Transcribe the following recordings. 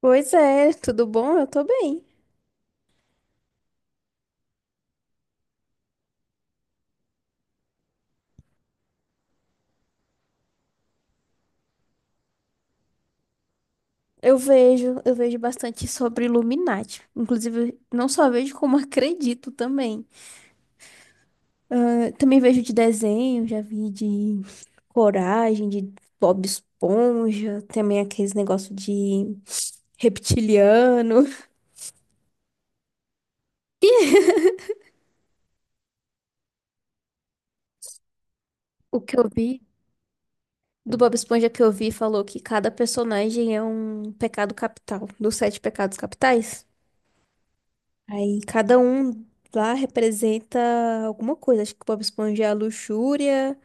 Pois é, tudo bom? Eu tô bem. Eu vejo bastante sobre Illuminati. Inclusive, não só vejo, como acredito também. Ah, também vejo de desenho, já vi de Coragem, de Bob Esponja, também aqueles negócio de reptiliano. O que eu vi do Bob Esponja que eu vi falou que cada personagem é um pecado capital, dos sete pecados capitais. Aí cada um lá representa alguma coisa. Acho que o Bob Esponja é a luxúria.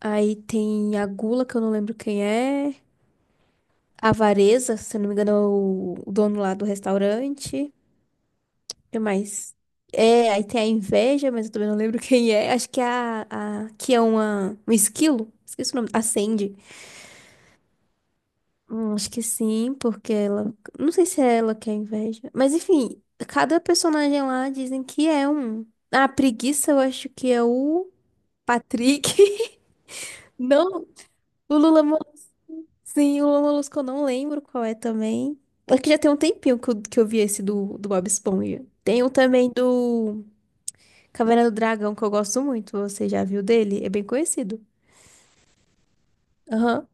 Aí tem a gula, que eu não lembro quem é. A avareza, se eu não me engano, é o dono lá do restaurante. O que mais? É, aí tem a inveja, mas eu também não lembro quem é. Acho que é a que é uma, um esquilo. Esqueci o nome. A Sandy. Acho que sim, porque ela. Não sei se é ela que é a inveja. Mas enfim, cada personagem lá dizem que é um. Ah, a preguiça eu acho que é o. Patrick. Não, o Lula. Sim, o Lula Molusco eu não lembro qual é também. É que já tem um tempinho que eu vi esse do, do Bob Esponja. Tem um também do Caverna do Dragão que eu gosto muito. Você já viu dele? É bem conhecido. Aham.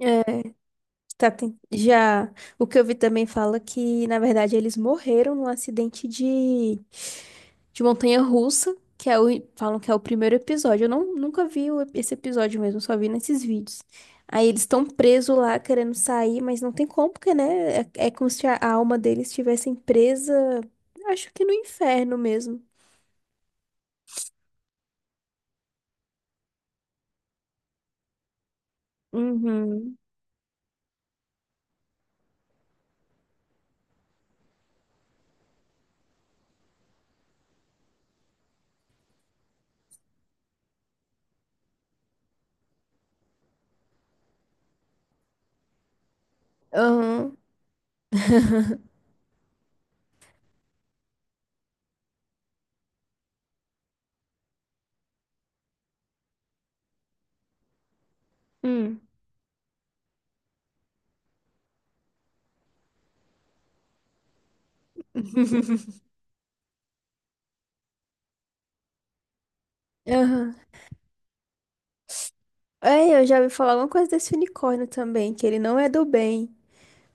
É. Tá, Já. O que eu vi também fala que, na verdade, eles morreram num acidente de Montanha Russa, que é o, falam que é o primeiro episódio. Eu não, nunca vi esse episódio mesmo, só vi nesses vídeos. Aí eles estão presos lá querendo sair, mas não tem como, porque, né? É, é como se a alma deles estivessem presa, acho que no inferno mesmo. Uhum. Aham. Hum. Aham. É, eu já ouvi falar alguma coisa desse unicórnio também, que ele não é do bem,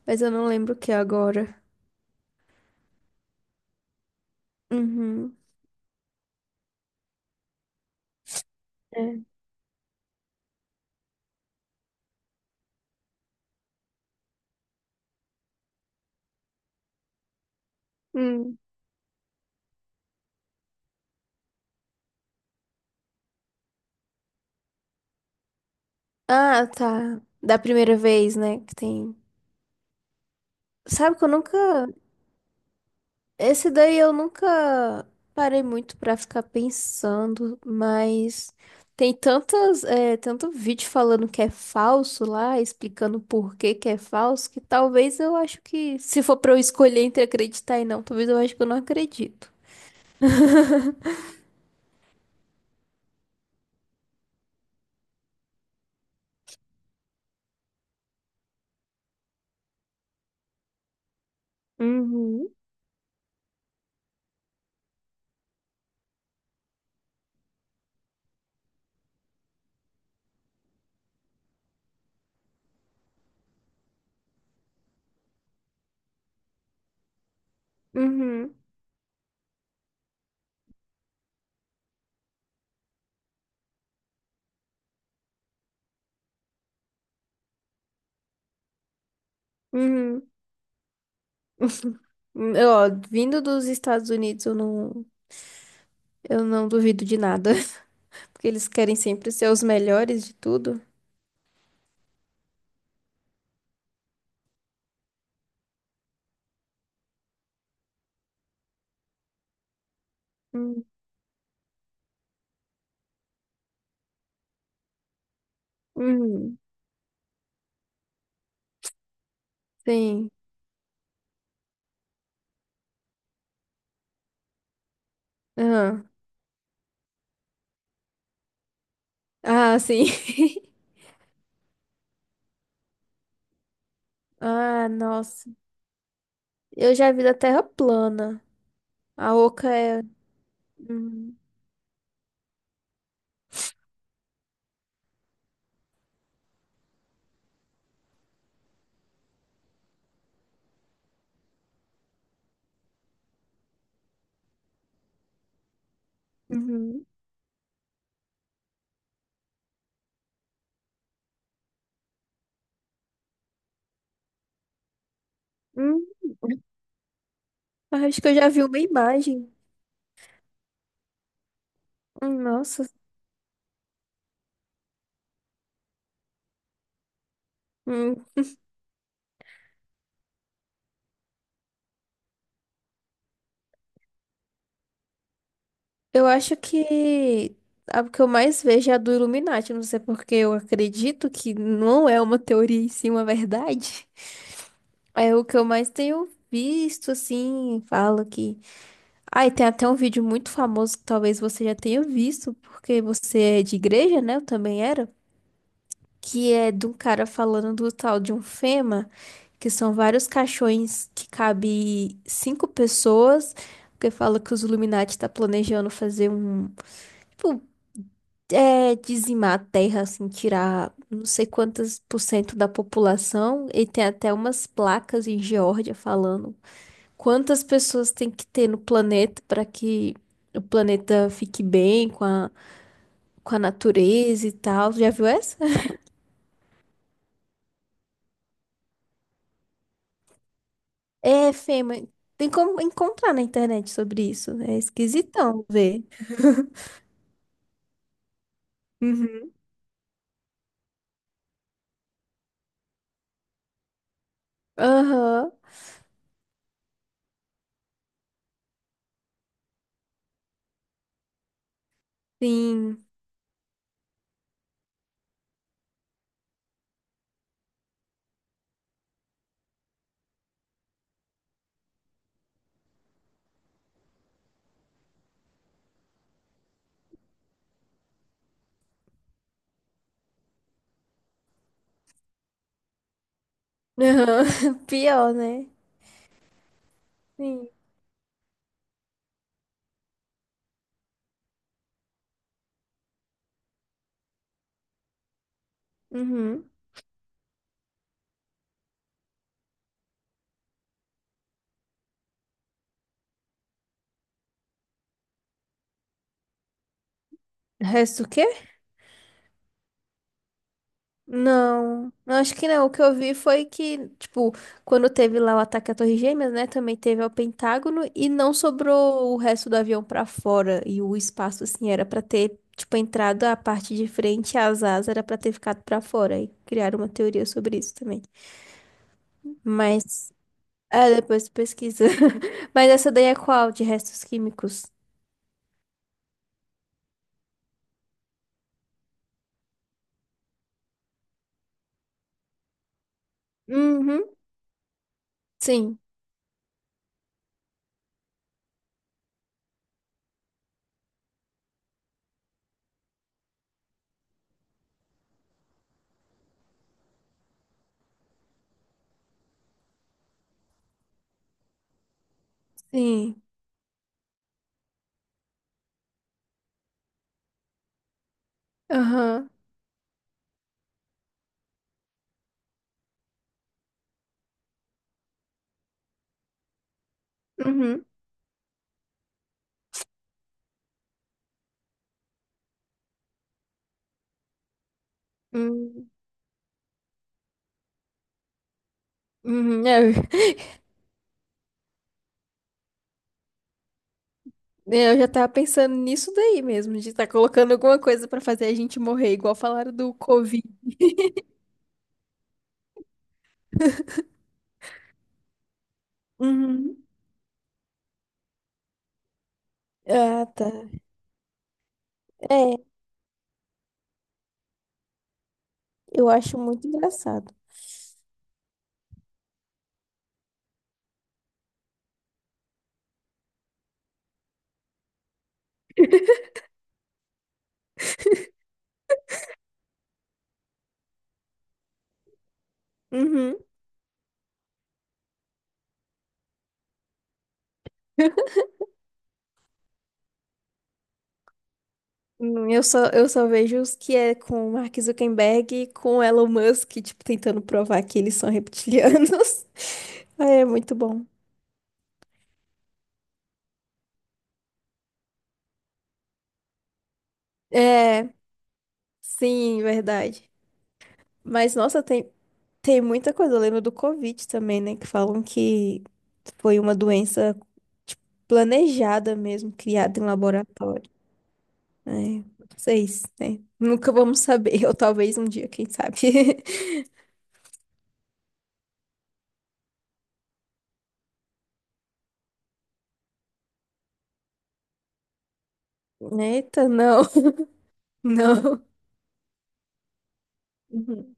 mas eu não lembro o que é agora. Uhum. É. Hum. Ah, tá. Da primeira vez, né? Que tem. Sabe que eu nunca. Esse daí eu nunca parei muito pra ficar pensando, mas tem tantas, é, tanto vídeo falando que é falso lá, explicando por que que é falso, que talvez eu acho que, se for pra eu escolher entre acreditar e não, talvez eu acho que eu não acredito. Uhum, uhum, uhum. Ó, vindo dos Estados Unidos, eu não duvido de nada, porque eles querem sempre ser os melhores de tudo. Hum, uhum. Sim. ah Ah, sim. Ah, nossa. Eu já vi da Terra plana. A oca é. Uhum. Uhum. Hum, acho que eu já vi uma imagem. Nossa. Hum, Eu acho que a que eu mais vejo é a do Illuminati. Não sei porque eu acredito que não é uma teoria e sim uma verdade. É o que eu mais tenho visto, assim, falo que. Ah, e tem até um vídeo muito famoso que talvez você já tenha visto, porque você é de igreja, né? Eu também era. Que é de um cara falando do tal de um Fema, que são vários caixões que cabe cinco pessoas, porque fala que os Illuminati tá planejando fazer um, tipo, é, dizimar a terra, assim, tirar não sei quantos por cento da população, e tem até umas placas em Geórgia falando. Quantas pessoas tem que ter no planeta para que o planeta fique bem com a natureza e tal? Já viu essa? É, Fê, mas tem como encontrar na internet sobre isso. É esquisitão ver. Uhum. Aham, sim. Aham. Pior, né? Sim. Uhum. Resto o quê? Não, eu acho que não. O que eu vi foi que, tipo, quando teve lá o ataque à Torre Gêmeas, né, também teve ao Pentágono e não sobrou o resto do avião pra fora e o espaço assim era pra ter, tipo, entrado a parte de frente, as asas era pra ter ficado pra fora e criaram uma teoria sobre isso também. Mas, é, depois tu pesquisa. Mas essa daí é qual? De restos químicos? Uhum. Sim, sim. Aham. Uhum. Uhum. Uhum. É. É, eu já tava pensando nisso daí mesmo, de estar colocando alguma coisa pra fazer a gente morrer, igual falaram do Covid. Uhum. Ah, tá. É, eu acho muito engraçado. Uhum. Eu só vejo os que é com o Mark Zuckerberg e com o Elon Musk, tipo, tentando provar que eles são reptilianos. Ah, é muito bom. É, sim, verdade. Mas, nossa, tem, tem muita coisa, eu lembro do Covid também, né? Que falam que foi uma doença tipo, planejada mesmo, criada em laboratório. É, não sei se, né? Nunca vamos saber, ou talvez um dia, quem sabe. Eita, não. Não. Uhum.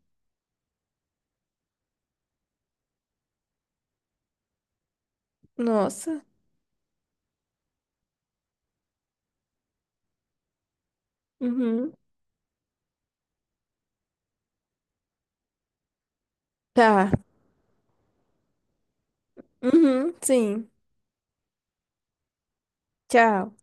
Nossa. Uhum. Tá. Uhum, sim. Tchau.